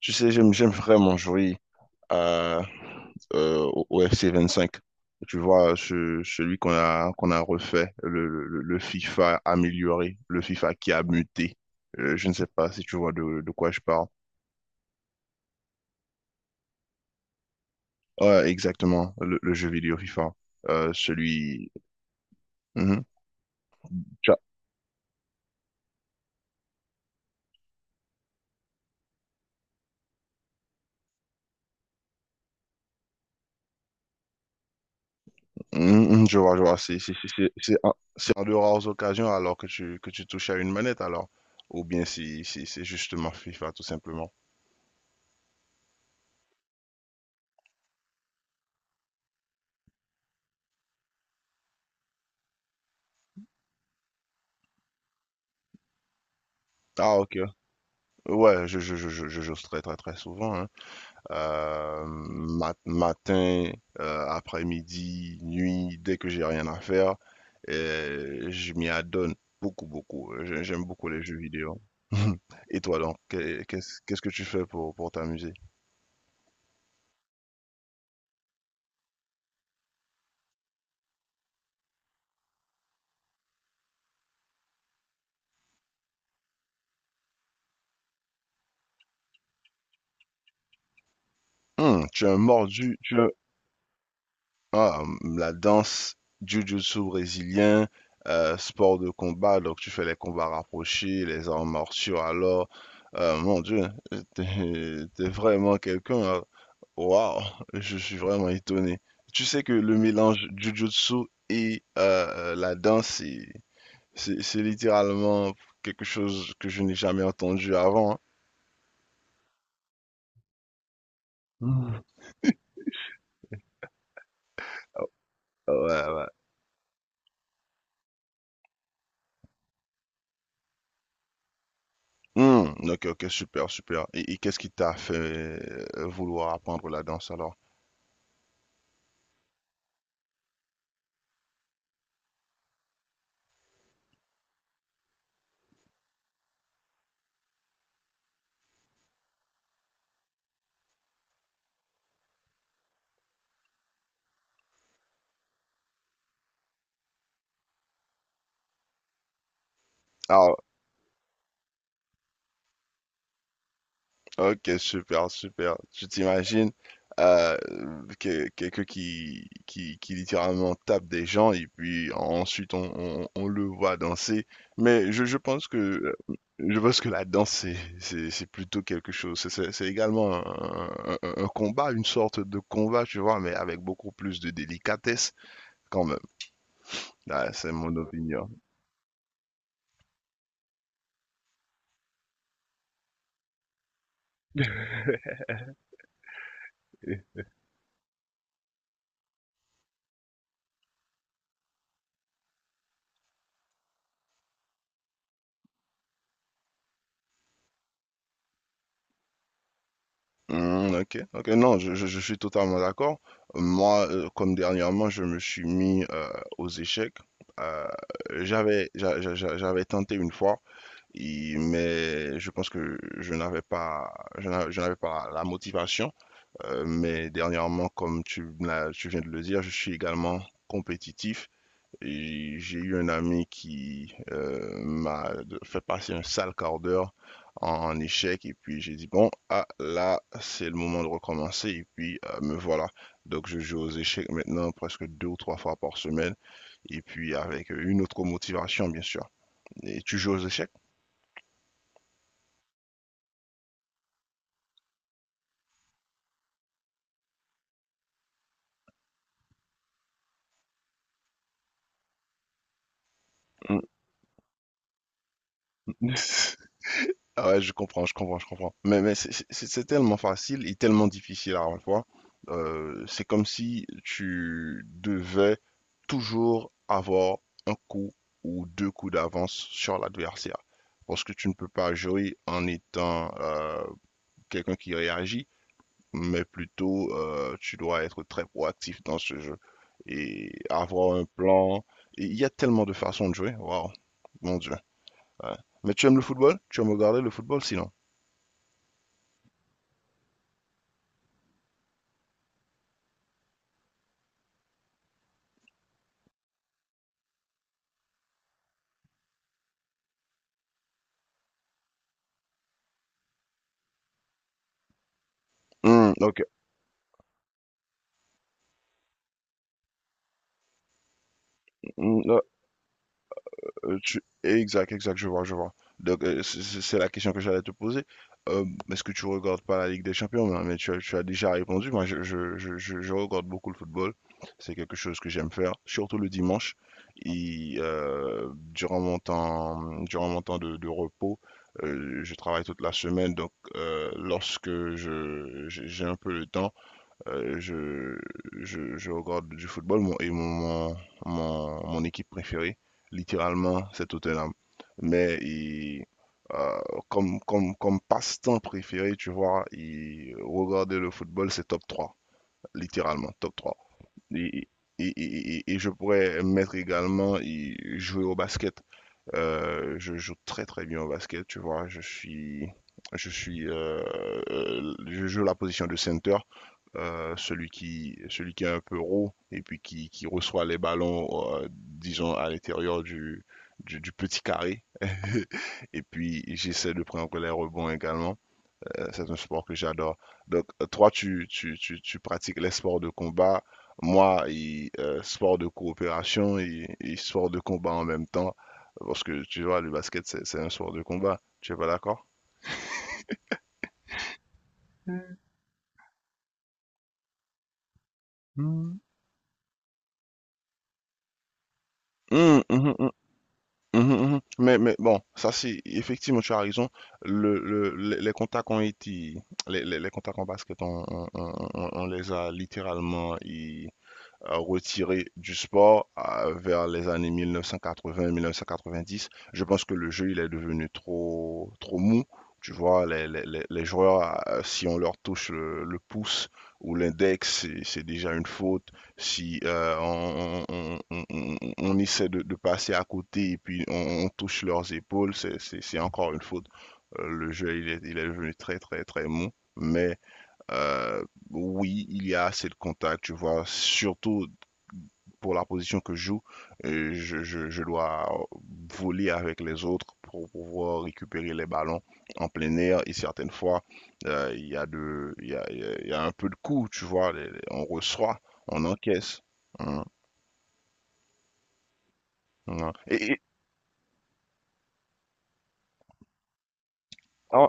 Tu sais, j'aime vraiment jouer à, au FC 25. Tu vois, celui qu'on a refait, le FIFA amélioré, le FIFA qui a muté. Je ne sais pas si tu vois de quoi je parle. Ouais, exactement, le jeu vidéo FIFA. Euh, celui... Mhm. Tu as- mhm, je vois, je vois. C'est en de rares occasions alors que que tu touches à une manette, alors. Ou bien c'est justement FIFA, tout simplement. Ah, ok. Ouais, je j'ose très très très souvent, hein. Matin, après-midi, nuit, dès que j'ai rien à faire, je m'y adonne beaucoup beaucoup. J'aime beaucoup les jeux vidéo. Et toi donc, qu'est-ce que tu fais pour t'amuser? Tu es un mordu, tu es... Ah, la danse, jiu-jitsu brésilien, sport de combat, donc tu fais les combats rapprochés, les arts martiaux, alors, mon Dieu, t'es vraiment quelqu'un, hein. Waouh, je suis vraiment étonné. Tu sais que le mélange jiu-jitsu et la danse, c'est littéralement quelque chose que je n'ai jamais entendu avant, hein. Hmm. Ouais, ouais. Ok, ok, super, super. Et qu'est-ce qui t'a fait vouloir apprendre la danse alors? Ah, ok, super, super. Tu t'imagines euh, quelqu'un qui littéralement tape des gens et puis ensuite on le voit danser. Mais je pense que la danse c'est plutôt quelque chose. C'est également un combat, une sorte de combat, tu vois, mais avec beaucoup plus de délicatesse quand même. Là, c'est mon opinion. Hmm, ok, ok, non, je suis totalement d'accord. Moi, comme dernièrement, je me suis mis aux échecs. Euh, j'avais, j'a- j'a- j'a- J'avais tenté une fois, mais je pense que je n'avais pas la motivation. Mais dernièrement, comme me tu viens de le dire, je suis également compétitif et j'ai eu un ami qui m'a fait passer un sale quart d'heure en échec et puis j'ai dit bon, ah là, c'est le moment de recommencer et puis me voilà. Donc je joue aux échecs maintenant presque deux ou trois fois par semaine et puis avec une autre motivation, bien sûr. Et tu joues aux échecs? Ah ouais, je comprends, je comprends, je comprends. Mais c'est tellement facile et tellement difficile à la fois. C'est comme si tu devais toujours avoir un coup ou deux coups d'avance sur l'adversaire. Parce que tu ne peux pas jouer en étant quelqu'un qui réagit, mais plutôt tu dois être très proactif dans ce jeu et avoir un plan. Et il y a tellement de façons de jouer. Waouh, mon Dieu. Ouais. Mais tu aimes le football? Tu aimes regarder le football sinon? Hmm, ok. Hmm, Exact, exact, je vois, je vois. Donc, c'est la question que j'allais te poser. Euh, Est-ce que tu regardes pas la Ligue des Champions? Non, mais tu as déjà répondu. Moi, je regarde beaucoup le football. C'est quelque chose que j'aime faire, surtout le dimanche. Et, durant durant mon temps de repos, je travaille toute la semaine. Donc, lorsque j'ai un peu le temps, Euh, je, je regarde du football. Mon, et mon, mon, mon, Mon équipe préférée, littéralement, c'est Tottenham. Mais il- euh, Comme, comme passe-temps préféré, tu vois, regarder le football, c'est top 3 littéralement, top trois. Et, et je pourrais mettre également jouer au basket. Je joue très très bien au basket, tu vois, je suis... Je suis, je joue la position de center, celui qui est un peu raw et puis qui reçoit les ballons, disons, à l'intérieur du petit carré. Et puis, j'essaie de prendre les rebonds également. C'est un sport que j'adore. Donc, toi, tu pratiques les sports de combat. Moi, sport de coopération et sport de combat en même temps. Parce que, tu vois, le basket, c'est un sport de combat. Tu es pas d'accord? Mm. Hum, hum, hum. Mhm, mhm. Mais bon, ça, c'est effectivement, tu as raison. Les contacts ont été, les contacts en basket, on les a littéralement retiré du sport vers les années 1980-1990. Je pense que le jeu, il est devenu trop, trop mou. Tu vois, les joueurs, si on leur touche le pouce ou l'index, c'est déjà une faute. Si on essaie de passer à côté et puis on touche leurs épaules, c'est encore une faute. Le jeu, il est devenu très, très, très mou. Mais euh, oui, il y a assez de contacts, tu vois, surtout pour la position que je joue, je dois voler avec les autres pour pouvoir récupérer les ballons en plein air. Et certaines fois, un peu de coups, tu vois. On reçoit, on encaisse. Hein, hein. Ah,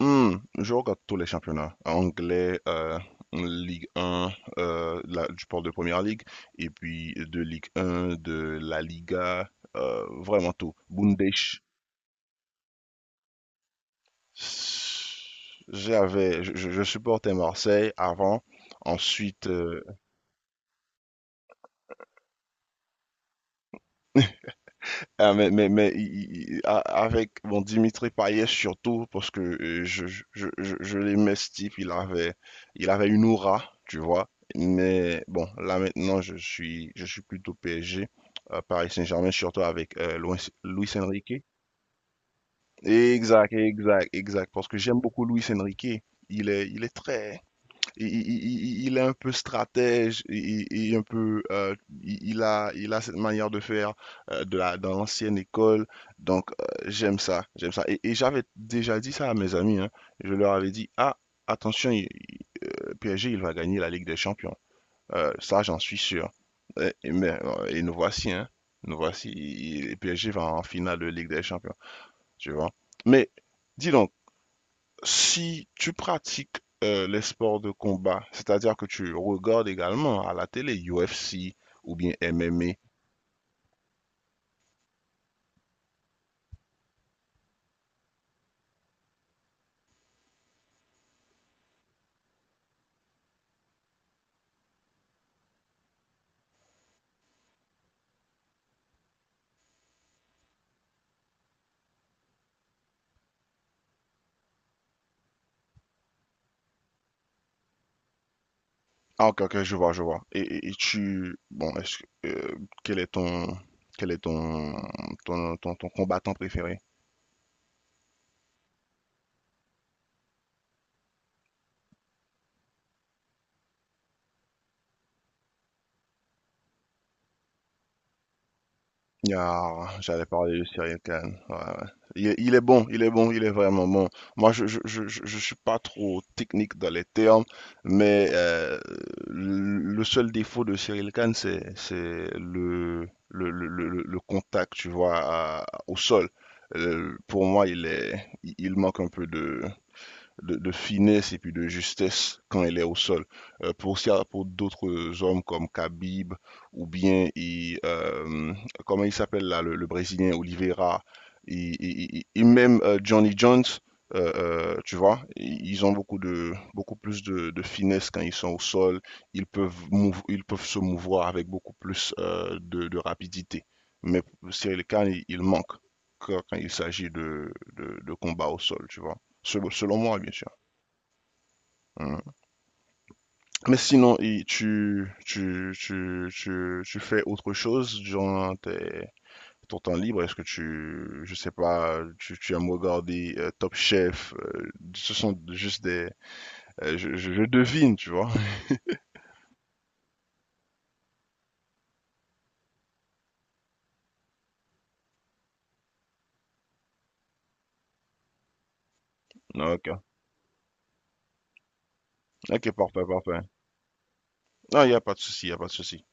hmm, je regarde tous les championnats. Anglais, Ligue 1, je parle de Première Ligue, et puis de Ligue 1, de la Liga, vraiment tout. Bundes... J'avais, supportais Marseille avant. Ensuite, ah, mais avec bon, Dimitri Payet surtout, parce que je l'aimais ce type, il avait une aura, tu vois. Mais bon, là maintenant, je suis plutôt PSG, Paris Saint-Germain, surtout avec Luis Enrique. Exact, exact, exact, parce que j'aime beaucoup Luis Enrique. Il est très... Il est un peu stratège, il est un peu, il a cette manière de faire dans l'ancienne école. Donc, j'aime ça, j'aime ça. Et j'avais déjà dit ça à mes amis, hein. Je leur avais dit, ah, attention, le PSG, il va gagner la Ligue des Champions. Ça, j'en suis sûr. Et nous voici, hein. Nous voici, le PSG va en finale de Ligue des Champions, tu vois. Mais, dis donc, si tu pratiques les sports de combat, c'est-à-dire que tu regardes également à la télé UFC ou bien MMA. Ah, ok, ok, je vois, je vois. Et tu, bon, quel est ton, quel est ton, ton combattant préféré? Ah, j'allais parler de Cyril Kane. Ouais, ouais. Il est bon, il est bon, il est vraiment bon. Moi, je suis pas trop technique dans les termes, mais le seul défaut de Cyril Kane, c'est le contact, tu vois, au sol. Pour moi, il manque un peu de finesse et puis de justesse quand elle est au sol. Pour ça, pour d'autres hommes comme Khabib ou bien, comment il s'appelle là, le Brésilien Oliveira et même Johnny Jones, tu vois, ils ont beaucoup de beaucoup plus de finesse quand ils sont au sol. Ils peuvent se mouvoir avec beaucoup plus de rapidité. Mais Cyril Kane, il manque quand, quand il s'agit de combat au sol, tu vois. Selon moi, bien sûr. Mhm. Mais sinon, tu fais autre chose durant ton temps libre? Est-ce que je sais pas, tu aimes regarder Top Chef? Euh, ce sont juste des, je devine, tu vois. Ok, ok, parfait, parfait. Non, il n'y a pas de souci, il n'y a pas de souci.